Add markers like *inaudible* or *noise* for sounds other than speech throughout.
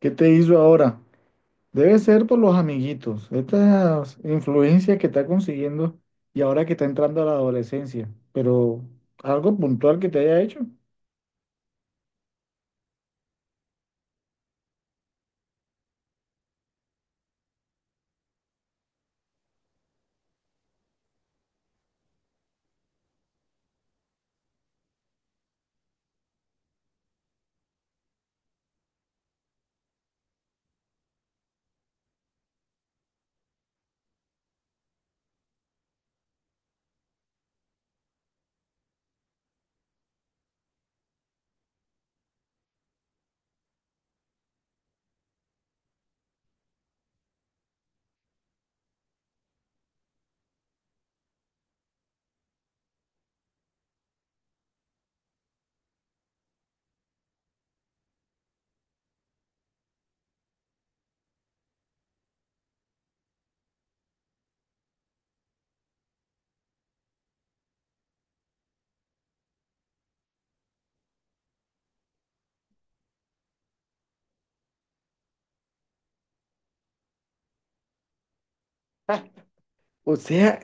¿Qué te hizo ahora? Debe ser por los amiguitos, esta influencia que está consiguiendo y ahora que está entrando a la adolescencia, pero algo puntual que te haya hecho. Ah, o sea,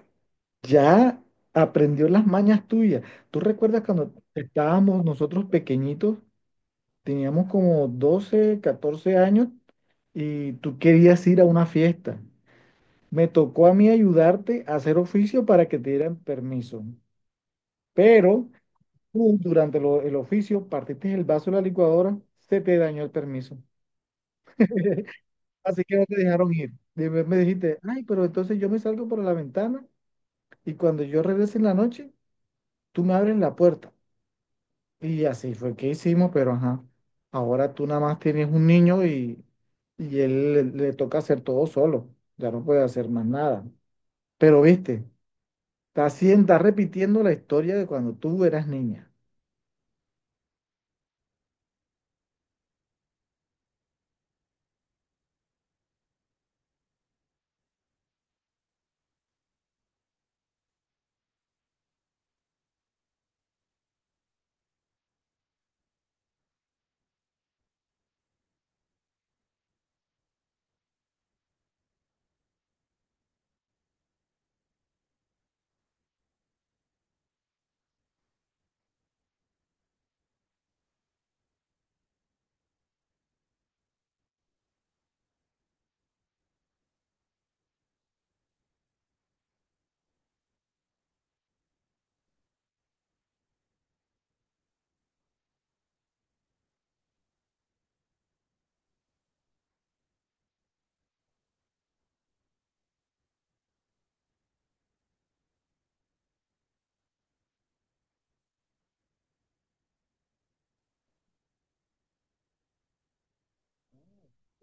ya aprendió las mañas tuyas. ¿Tú recuerdas cuando estábamos nosotros pequeñitos, teníamos como 12, 14 años y tú querías ir a una fiesta? Me tocó a mí ayudarte a hacer oficio para que te dieran permiso, pero. Tú, durante el oficio, partiste el vaso de la licuadora, se te dañó el permiso. *laughs* Así que no te dejaron ir. Después me dijiste, ay, pero entonces yo me salgo por la ventana y cuando yo regrese en la noche, tú me abres la puerta. Y así fue que hicimos, pero ajá, ahora tú nada más tienes un niño y él le toca hacer todo solo, ya no puede hacer más nada. Pero viste, está repitiendo la historia de cuando tú eras niña.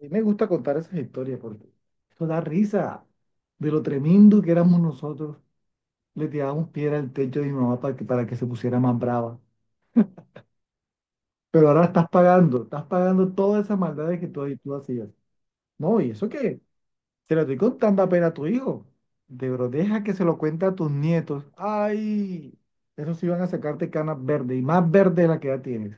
Y me gusta contar esas historias porque eso da risa de lo tremendo que éramos nosotros. Le tirábamos piedra al techo de mi mamá para que se pusiera más brava. Pero ahora estás pagando todas esas maldades que tú hacías. No, ¿y eso qué? Se lo estoy contando apenas a tu hijo. De bro, deja que se lo cuente a tus nietos. ¡Ay! Esos sí van a sacarte canas verdes y más verdes de la que ya tienes.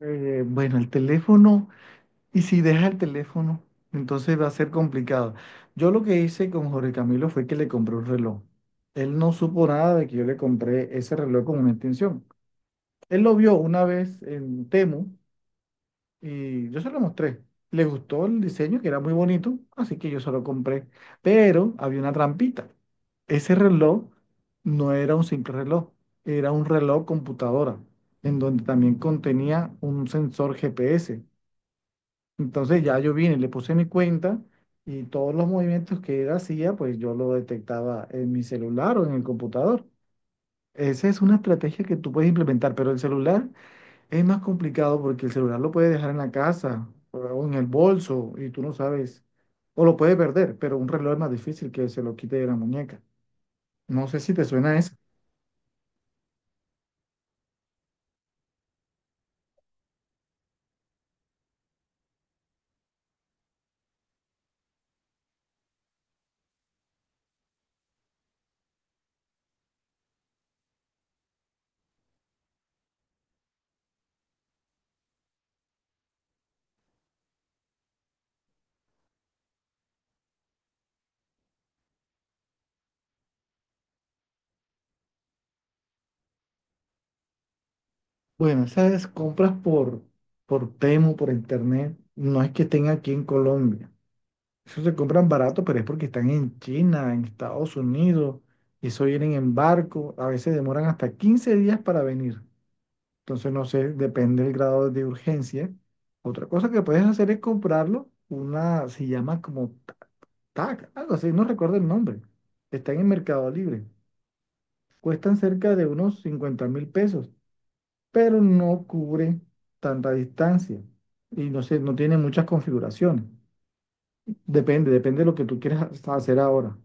Bueno, el teléfono. Y si deja el teléfono, entonces va a ser complicado. Yo lo que hice con Jorge Camilo fue que le compré un reloj. Él no supo nada de que yo le compré ese reloj con una extensión. Él lo vio una vez en Temu y yo se lo mostré. Le gustó el diseño, que era muy bonito, así que yo se lo compré. Pero había una trampita. Ese reloj no era un simple reloj, era un reloj computadora, en donde también contenía un sensor GPS. Entonces ya yo vine, le puse mi cuenta y todos los movimientos que él hacía, pues yo lo detectaba en mi celular o en el computador. Esa es una estrategia que tú puedes implementar, pero el celular es más complicado porque el celular lo puedes dejar en la casa o en el bolso y tú no sabes, o lo puedes perder, pero un reloj es más difícil que se lo quite de la muñeca. No sé si te suena eso. Bueno, esas compras por Temu, por internet, no es que estén aquí en Colombia. Eso se compran barato, pero es porque están en China, en Estados Unidos, y eso vienen en barco. A veces demoran hasta 15 días para venir. Entonces, no sé, depende del grado de urgencia. Otra cosa que puedes hacer es comprarlo. Una se llama como TAC, algo así, no recuerdo el nombre. Están en Mercado Libre. Cuestan cerca de unos 50.000 pesos, pero no cubre tanta distancia. Y no sé, no tiene muchas configuraciones. Depende de lo que tú quieras hacer ahora.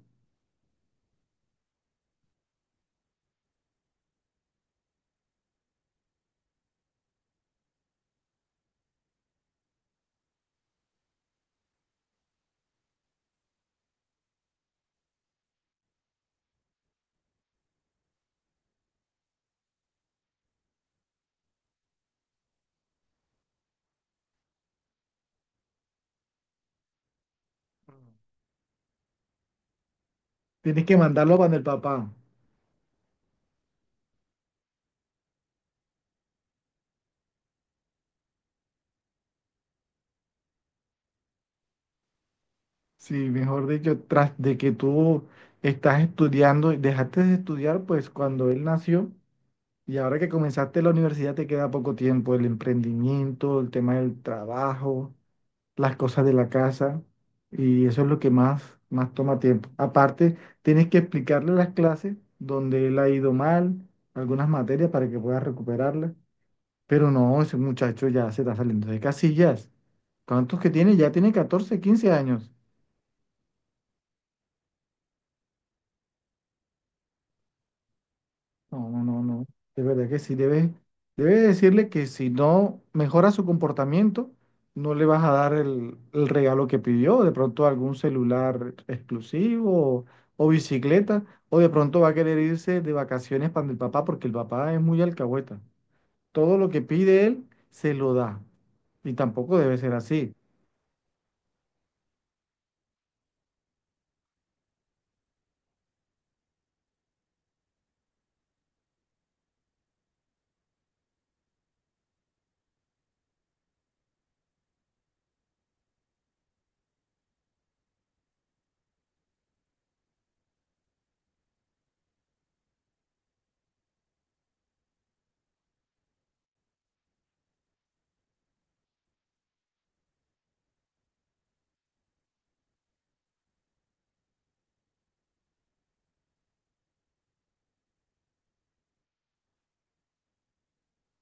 Tienes que mandarlo para el papá. Sí, mejor dicho, tras de que tú estás estudiando, dejaste de estudiar, pues cuando él nació y ahora que comenzaste la universidad te queda poco tiempo, el emprendimiento, el tema del trabajo, las cosas de la casa y eso es lo que más toma tiempo. Aparte, tienes que explicarle las clases donde él ha ido mal, algunas materias para que pueda recuperarlas. Pero no, ese muchacho ya se está saliendo de casillas. ¿Cuántos que tiene? Ya tiene 14, 15 años. No, no, no, no. De verdad que sí, debe decirle que si no mejora su comportamiento, no le vas a dar el regalo que pidió. De pronto algún celular exclusivo o, bicicleta. O de pronto va a querer irse de vacaciones para el papá porque el papá es muy alcahueta. Todo lo que pide él se lo da. Y tampoco debe ser así.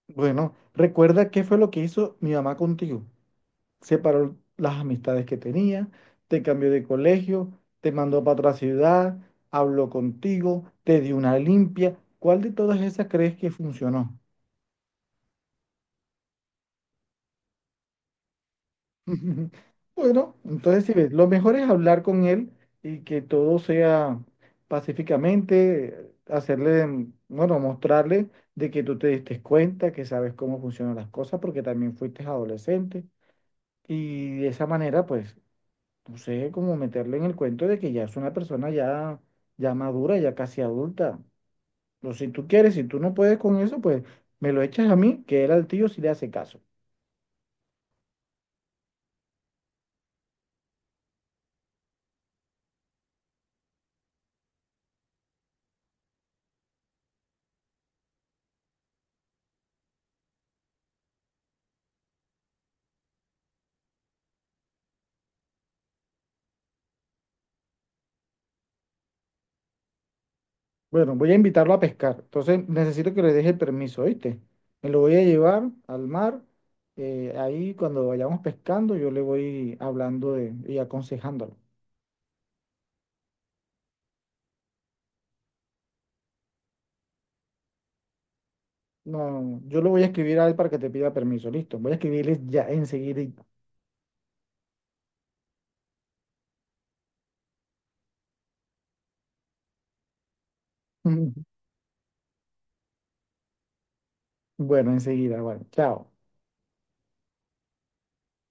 Bueno, recuerda qué fue lo que hizo mi mamá contigo. Separó las amistades que tenía, te cambió de colegio, te mandó para otra ciudad, habló contigo, te dio una limpia. ¿Cuál de todas esas crees que funcionó? *laughs* Bueno, entonces si ves, lo mejor es hablar con él y que todo sea pacíficamente, hacerle, bueno, mostrarle de que tú te diste cuenta, que sabes cómo funcionan las cosas, porque también fuiste adolescente. Y de esa manera, pues, no sé, como meterle en el cuento de que ya es una persona ya, ya madura, ya casi adulta. Pero si tú quieres, si tú no puedes con eso, pues me lo echas a mí, que él al tío sí le hace caso. Bueno, voy a invitarlo a pescar. Entonces necesito que le deje el permiso, ¿oíste? Me lo voy a llevar al mar. Ahí cuando vayamos pescando, yo le voy hablando y aconsejándolo. No, yo lo voy a escribir a él para que te pida permiso. Listo, voy a escribirle ya enseguida. *laughs* Bueno, enseguida, bueno, chao.